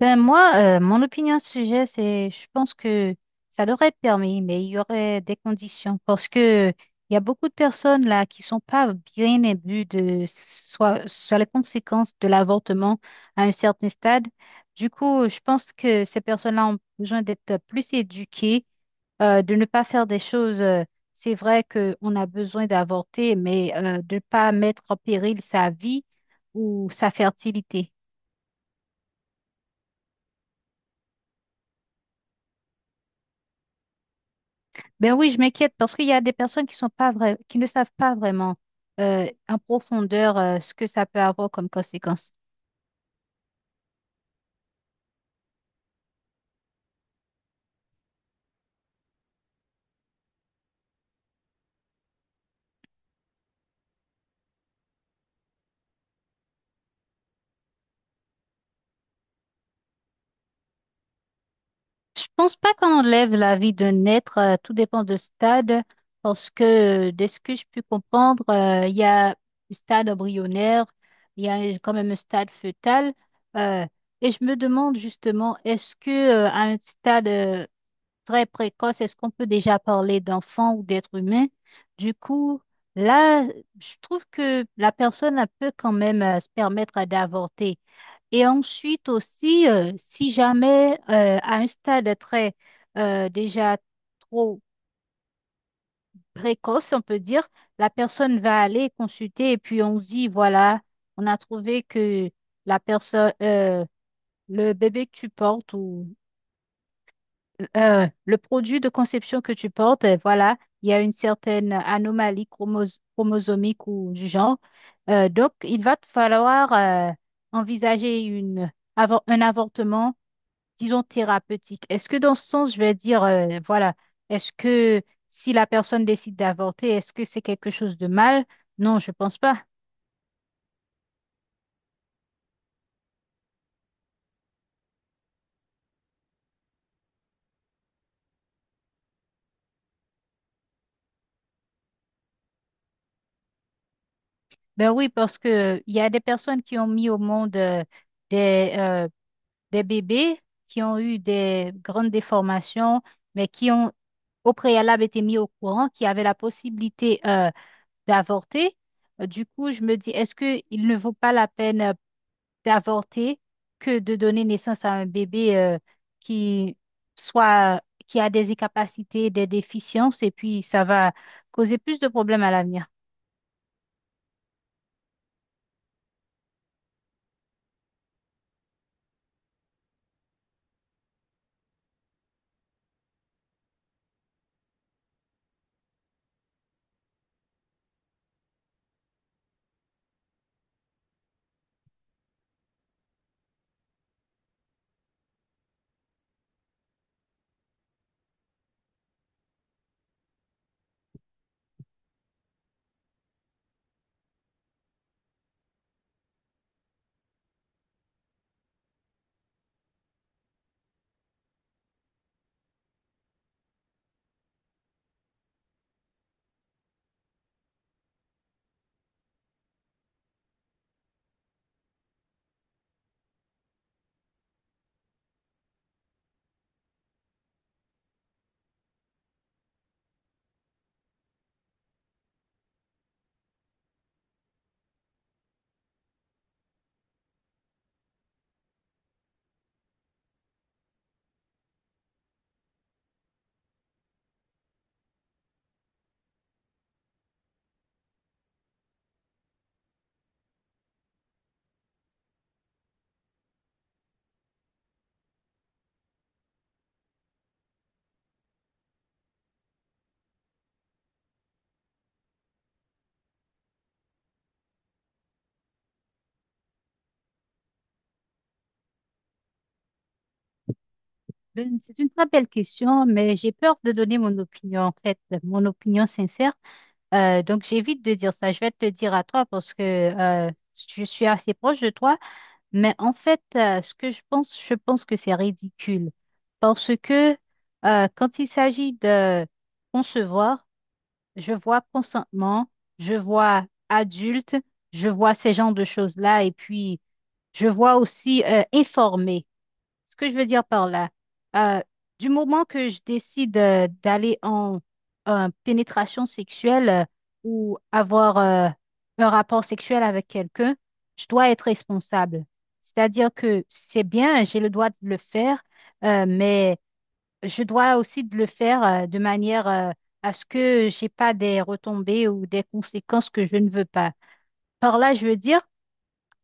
Ben moi, mon opinion sur le sujet, c'est, je pense que ça leur est permis, mais il y aurait des conditions parce que il y a beaucoup de personnes là qui sont pas bien imbues de soit sur les conséquences de l'avortement à un certain stade. Du coup, je pense que ces personnes-là ont besoin d'être plus éduquées, de ne pas faire des choses. C'est vrai qu'on a besoin d'avorter, mais de ne pas mettre en péril sa vie ou sa fertilité. Ben oui, je m'inquiète parce qu'il y a des personnes qui sont pas vra- qui ne savent pas vraiment en profondeur ce que ça peut avoir comme conséquence. Je pense pas qu'on enlève la vie d'un être, tout dépend de stade, parce que de ce que je peux comprendre, il y a le stade embryonnaire, il y a quand même un stade fœtal, euh, et je me demande justement, est-ce que à un stade très précoce, est-ce qu'on peut déjà parler d'enfant ou d'être humain? Du coup, là, je trouve que la personne elle peut quand même se permettre d'avorter. Et ensuite aussi, si jamais à un stade très déjà trop précoce, on peut dire, la personne va aller consulter et puis on se dit, voilà, on a trouvé que la personne, le bébé que tu portes ou le produit de conception que tu portes, voilà, il y a une certaine anomalie chromosomique ou du genre. Donc, il va te falloir envisager un avortement, disons, thérapeutique. Est-ce que dans ce sens, je vais dire, voilà, est-ce que si la personne décide d'avorter, est-ce que c'est quelque chose de mal? Non, je pense pas. Ben oui, parce que il y a des personnes qui ont mis au monde des, euh, des bébés qui ont eu des grandes déformations, mais qui ont au préalable été mis au courant, qui avaient la possibilité d'avorter. Du coup, je me dis, est-ce qu'il ne vaut pas la peine d'avorter que de donner naissance à un bébé qui soit, qui a des incapacités, des déficiences, et puis ça va causer plus de problèmes à l'avenir? Ben, c'est une très belle question, mais j'ai peur de donner mon opinion, en fait, mon opinion sincère. Donc j'évite de dire ça. Je vais te le dire à toi parce que je suis assez proche de toi. Mais en fait, ce que je pense que c'est ridicule parce que quand il s'agit de concevoir, je vois consentement, je vois adulte, je vois ces genres de choses-là et puis je vois aussi informer. Ce que je veux dire par là, euh, du moment que je décide en pénétration sexuelle ou avoir un rapport sexuel avec quelqu'un, je dois être responsable. C'est-à-dire que c'est bien, j'ai le droit de le faire, mais je dois aussi de le faire de manière à ce que j'ai pas des retombées ou des conséquences que je ne veux pas. Par là, je veux dire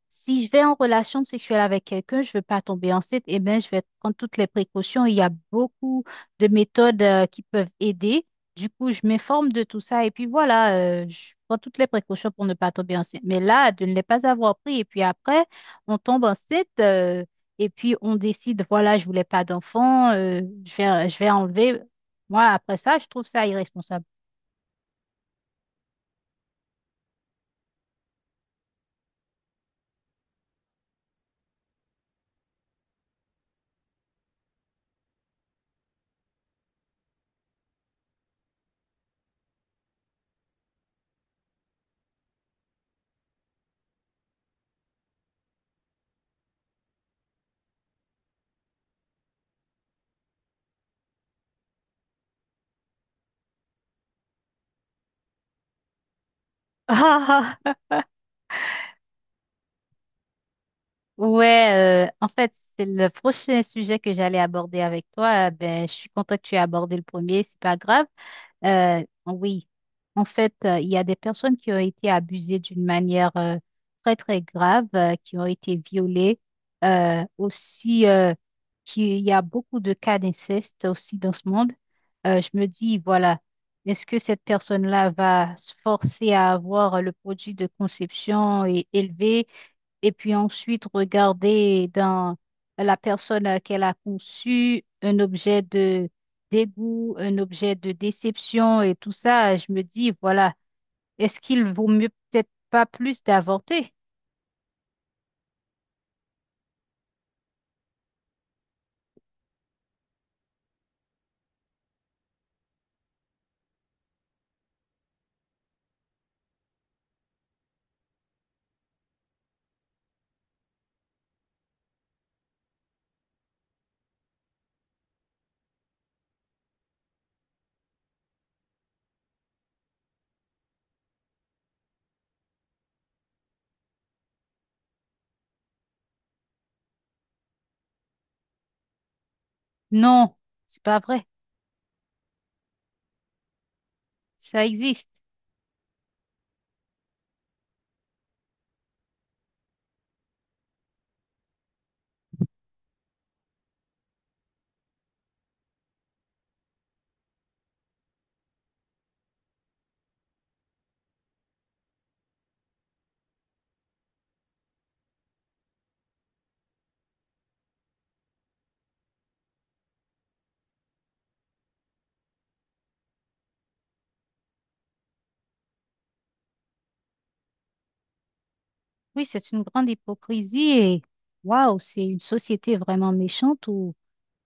si je vais en relation sexuelle avec quelqu'un, je veux pas tomber enceinte, eh bien, je vais prendre toutes les précautions. Il y a beaucoup de méthodes qui peuvent aider. Du coup, je m'informe de tout ça et puis voilà, je prends toutes les précautions pour ne pas tomber enceinte. Mais là, de ne les pas avoir pris et puis après, on tombe enceinte et puis on décide, voilà, je voulais pas d'enfant, je vais enlever. Moi, après ça, je trouve ça irresponsable. Ouais, en fait, c'est le prochain sujet que j'allais aborder avec toi. Ben, je suis contente que tu aies abordé le premier, c'est pas grave. Oui, en fait, il y a des personnes qui ont été abusées d'une manière très, très grave, qui ont été violées. Aussi, qu'il y a beaucoup de cas d'inceste aussi dans ce monde. Je me dis, voilà, est-ce que cette personne-là va se forcer à avoir le produit de conception et élevé? Et puis ensuite regarder dans la personne qu'elle a conçue un objet de dégoût, un objet de déception et tout ça, je me dis, voilà. Est-ce qu'il vaut mieux peut-être pas plus d'avorter? Non, c'est pas vrai. Ça existe. Oui, c'est une grande hypocrisie et waouh, c'est une société vraiment méchante où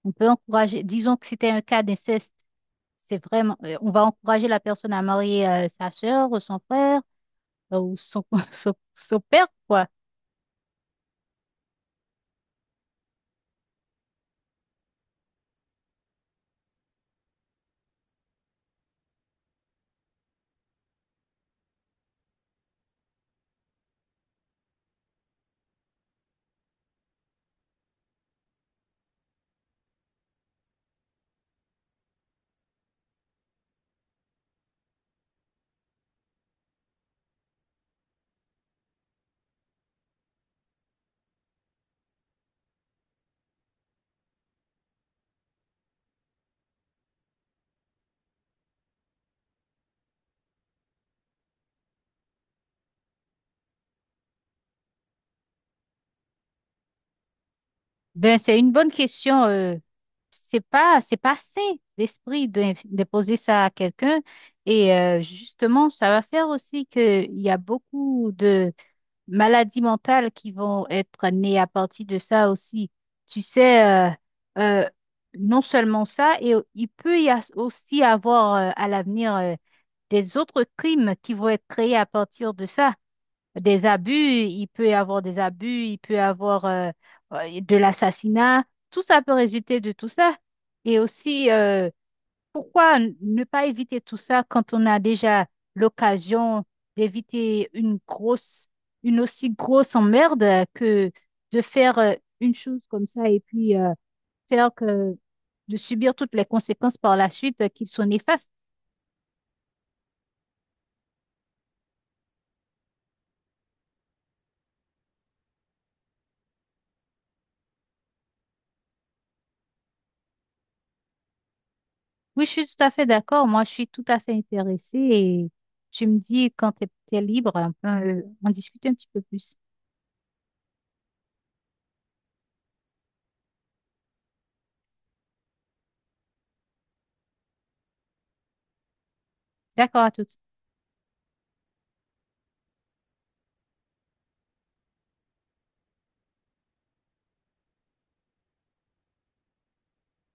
on peut encourager, disons que c'était un cas d'inceste, c'est vraiment, on va encourager la personne à marier sa sœur ou son frère euh, ou son, son père, quoi. Ben, c'est une bonne question. C'est pas sain d'esprit de poser ça à quelqu'un. Et justement, ça va faire aussi qu'il y a beaucoup de maladies mentales qui vont être nées à partir de ça aussi. Tu sais, euh, non seulement ça, et il peut aussi avoir à l'avenir des autres crimes qui vont être créés à partir de ça. Des abus, il peut y avoir des abus, il peut y avoir de l'assassinat. Tout ça peut résulter de tout ça. Et aussi, pourquoi ne pas éviter tout ça quand on a déjà l'occasion d'éviter une aussi grosse emmerde que de faire une chose comme ça et puis faire que de subir toutes les conséquences par la suite qui sont néfastes. Oui, je suis tout à fait d'accord. Moi, je suis tout à fait intéressée et tu me dis quand tu es, libre, on peut en discuter un petit peu plus. D'accord à toutes.